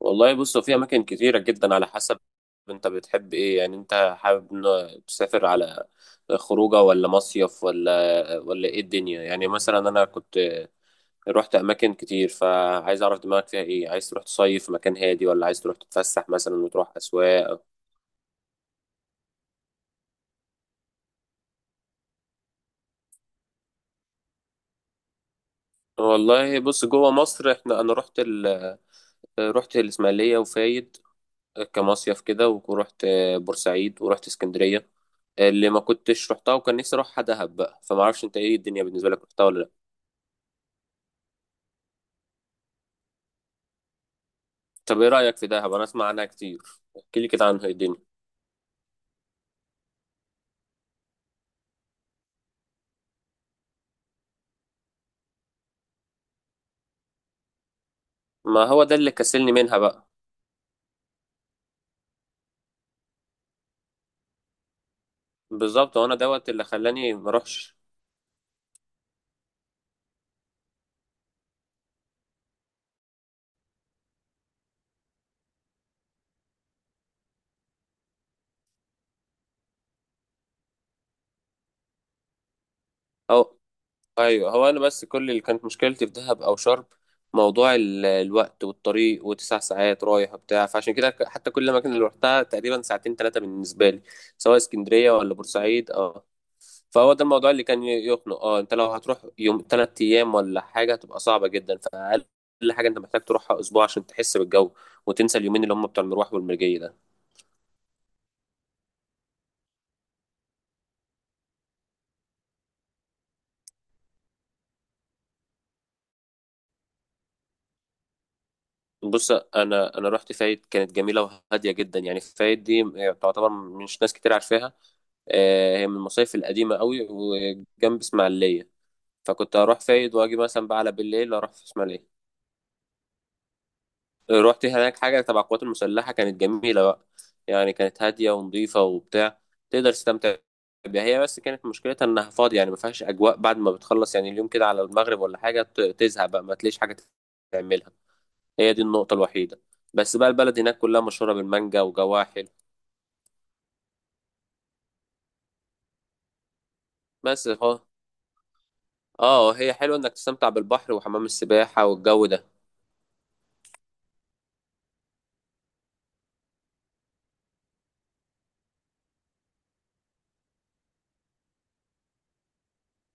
والله بص هو في اماكن كتيره جدا على حسب انت بتحب ايه؟ يعني انت حابب تسافر على خروجه ولا مصيف ولا ايه الدنيا؟ يعني مثلا انا كنت رحت اماكن كتير، فعايز اعرف دماغك فيها ايه. عايز تروح تصيف في مكان هادي، ولا عايز تروح تتفسح مثلا وتروح اسواق؟ والله بص، جوه مصر احنا رحت الاسماعيليه وفايد كمصيف كده، ورحت بورسعيد ورحت اسكندرية. اللي ما كنتش رحتها وكان نفسي اروحها دهب بقى، فما اعرفش انت ايه الدنيا بالنسبة لك، رحتها ولا لا؟ طب ايه رأيك في دهب؟ انا اسمع عنها كتير، احكي لي كده عنها إيه الدنيا. ما هو ده اللي كسلني منها بقى. بالظبط، وانا دوت اللي خلاني ما اروحش. ايوه، هو انا بس كل اللي كانت مشكلتي في دهب او شرم موضوع الوقت والطريق، وتسع ساعات رايح وبتاع، فعشان كده حتى كل الاماكن اللي رحتها تقريبا ساعتين ثلاثه بالنسبه لي، سواء اسكندريه ولا بورسعيد، اه. فهو ده الموضوع اللي كان يخنق. اه، انت لو هتروح يوم ثلاث ايام ولا حاجه هتبقى صعبه جدا، فاقل حاجه انت محتاج تروحها اسبوع عشان تحس بالجو وتنسى اليومين اللي هم بتوع المروح والمرجيه ده. بص، انا رحت فايد كانت جميله وهاديه جدا. يعني فايد دي تعتبر مش ناس كتير عارفاها. آه، هي من المصايف القديمه قوي وجنب اسماعيليه، فكنت اروح فايد واجي مثلا بقى على بالليل اروح في اسماعيليه. رحت هناك حاجه تبع القوات المسلحه كانت جميله بقى، يعني كانت هاديه ونظيفه وبتاع، تقدر تستمتع بيها. هي بس كانت مشكلتها انها فاضيه، يعني ما فيهاش اجواء بعد ما بتخلص، يعني اليوم كده على المغرب ولا حاجه تزهق بقى، ما تلاقيش حاجه تعملها. هي دي النقطة الوحيدة. بس بقى البلد هناك كلها مشهورة بالمانجا وجواحل. بس هو اه، هي حلوة انك تستمتع بالبحر وحمام السباحة والجو ده.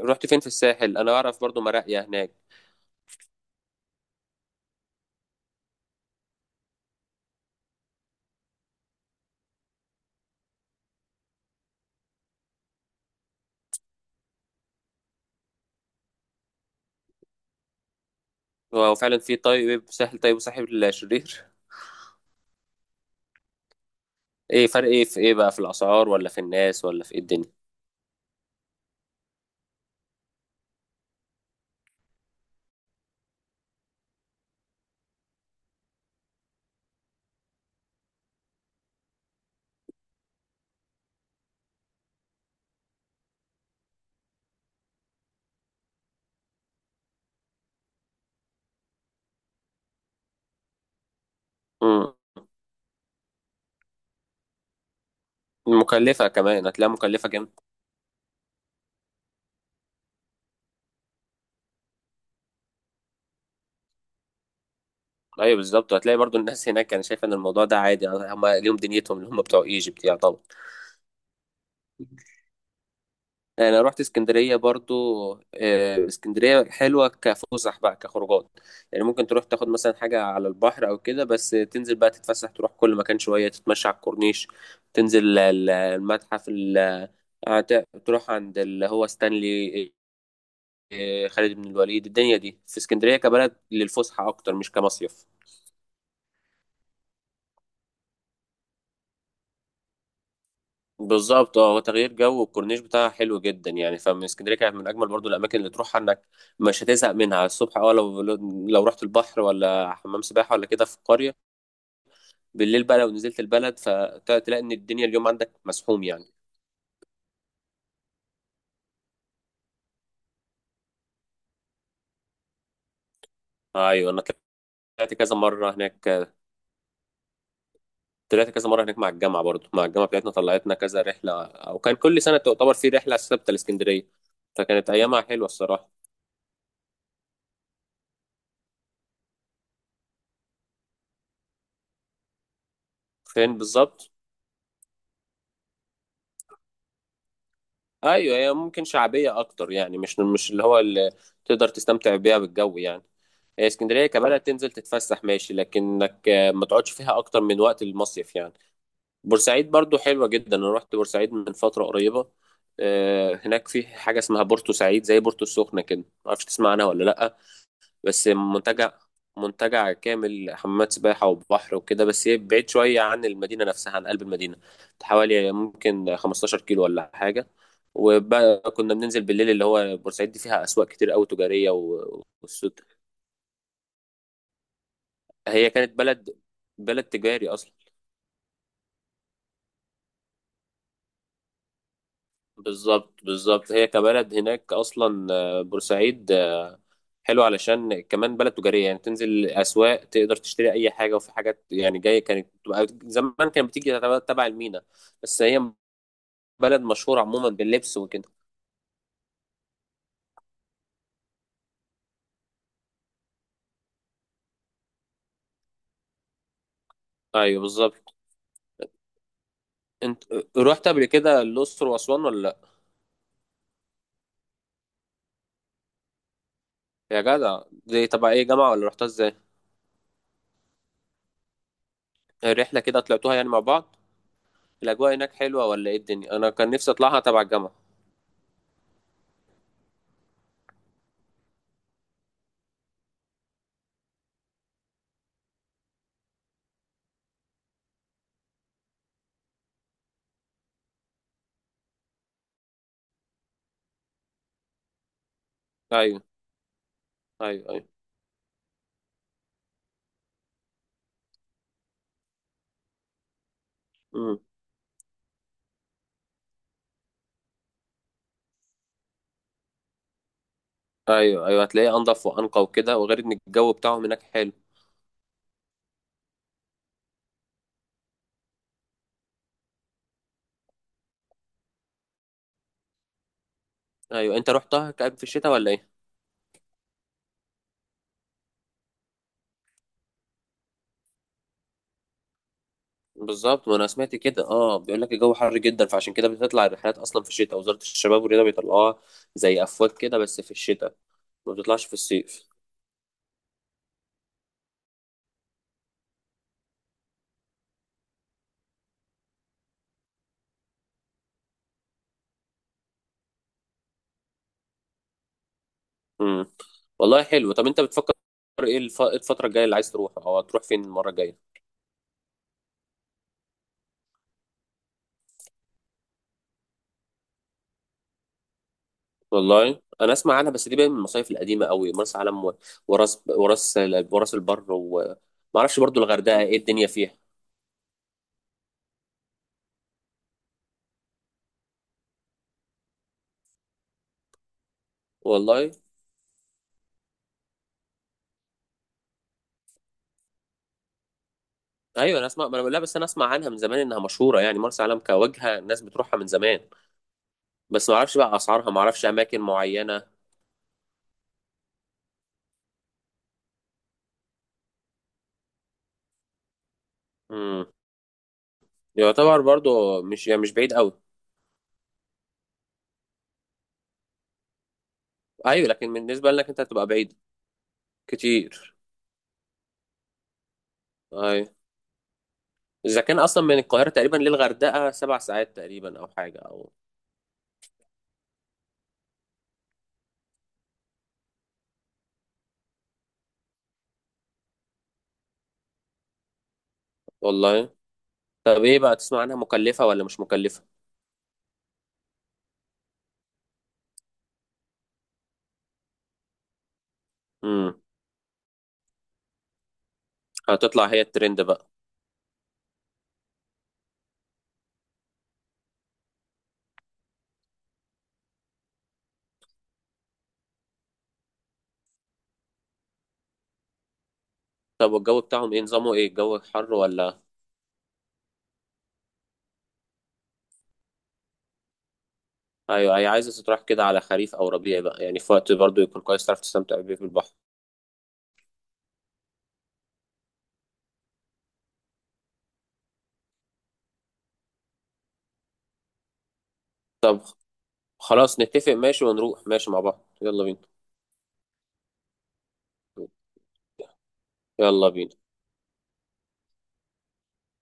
رحت فين في الساحل؟ انا اعرف برضو مراقية هناك. هو فعلا في طيب ساحل طيب وساحل شرير. ايه فرق؟ ايه في ايه بقى؟ في الاسعار ولا في الناس ولا في ايه الدنيا؟ امم، مكلفة كمان، هتلاقيها مكلفة جامد. ايوه بالظبط، هتلاقي برضو الناس هناك، انا شايف ان الموضوع ده عادي، هم ليهم دنيتهم اللي هم بتوع ايجيبت يعني طبعا. آه، انا رحت اسكندريه برضو. آه، اسكندريه حلوه كفسح بقى، كخروجات يعني. ممكن تروح تاخد مثلا حاجه على البحر او كده، بس تنزل بقى تتفسح، تروح كل مكان شويه، تتمشى على الكورنيش، تنزل تروح عند اللي هو ستانلي، آه، خالد بن الوليد. الدنيا دي في اسكندريه كبلد للفسحه اكتر، مش كمصيف. بالظبط اه، هو تغيير جو، والكورنيش بتاعها حلو جدا يعني. فمن اسكندريه كانت من اجمل برضو الاماكن اللي تروحها، انك مش هتزهق منها. الصبح اه، لو لو رحت البحر ولا حمام سباحه ولا كده في القريه، بالليل بقى لو نزلت البلد، فتلاقي ان الدنيا اليوم عندك مسحوم يعني. ايوه، انا طلعت كذا مره هناك. طلعت كذا مره هناك مع الجامعه، برضو مع الجامعه بتاعتنا طلعتنا كذا رحله، او كان كل سنه تعتبر في رحله ثابته لاسكندريه، فكانت ايامها حلوه الصراحه. فين بالظبط؟ ايوه، هي ممكن شعبيه اكتر يعني، مش مش اللي هو اللي تقدر تستمتع بيها بالجو يعني. هي اسكندريه كبلد تنزل تتفسح ماشي، لكنك آه، ما تقعدش فيها اكتر من وقت المصيف يعني. بورسعيد برضو حلوه جدا، انا رحت بورسعيد من فتره قريبه. آه، هناك في حاجه اسمها بورتو سعيد زي بورتو السخنه كده، ما اعرفش تسمع عنها ولا لا. بس منتجع، منتجع كامل، حمامات سباحة وبحر وكده. بس هي بعيد شوية عن المدينة نفسها، عن قلب المدينة، حوالي ممكن 15 كيلو ولا حاجة. وبقى كنا بننزل بالليل اللي هو بورسعيد دي فيها أسواق كتير أوي تجارية والسوق. هي كانت بلد، بلد تجاري أصلا. بالظبط بالظبط، هي كبلد هناك أصلا، آه، بورسعيد حلو علشان كمان بلد تجارية يعني، تنزل أسواق تقدر تشتري أي حاجة، وفي حاجات يعني جاية كانت بتبقى زمان كانت بتيجي تبع المينا. بس هي بلد مشهورة عموما باللبس وكده. أيوه بالظبط. أنت رحت قبل كده الأقصر وأسوان ولا لأ؟ يا جدع، دي تبع إيه، جامعة ولا رحتها إزاي؟ الرحلة كده طلعتوها يعني مع بعض؟ الأجواء هناك حلوة ولا إيه الدنيا؟ أنا كان نفسي أطلعها تبع الجامعة. أيوه أيوه أيوه. أمم. أيوه أيوه، هتلاقيه أنضف وأنقى وكده، وغير إن الجو بتاعهم هناك حلو. أيوه، أنت رحتها كان في الشتاء ولا إيه؟ بالظبط، ما انا سمعت كده اه، بيقول لك الجو حر جدا، فعشان كده بتطلع الرحلات اصلا في الشتاء. وزارة الشباب والرياضة بيطلعوها زي افواج كده، بس في الشتاء، ما بتطلعش في الصيف. امم. والله حلو. طب انت بتفكر ايه إيه الفترة الجاية اللي عايز تروح، او هتروح فين المرة الجاية؟ والله انا اسمع عنها، بس دي بقى من المصايف القديمة قوي، مرسى علم وراس وراس البر. وما اعرفش برضو الغردقة ايه الدنيا فيها. والله ايوه انا اسمع، ما انا لا بس انا اسمع عنها من زمان انها مشهورة يعني، مرسى علم كوجهة الناس بتروحها من زمان، بس ما اعرفش بقى اسعارها، ما اعرفش اماكن معينه. امم، يعتبر برضو مش يعني مش بعيد قوي. ايوه، لكن بالنسبه لك انت هتبقى بعيد كتير. ايوه، اذا كان اصلا من القاهره تقريبا للغردقه 7 ساعات تقريبا او حاجه او. والله، طب ايه بقى تسمع عنها، مكلفه ولا مش مكلفه؟ امم، هتطلع هي الترند بقى. طب والجو بتاعهم ايه نظامه، ايه الجو حر ولا؟ ايوه، هي عايزه تروح كده على خريف او ربيع بقى، يعني في وقت برضو يكون كويس تعرف تستمتع بيه في البحر. طب خلاص نتفق ماشي، ونروح ماشي مع بعض، يلا بينا. يلا بينا.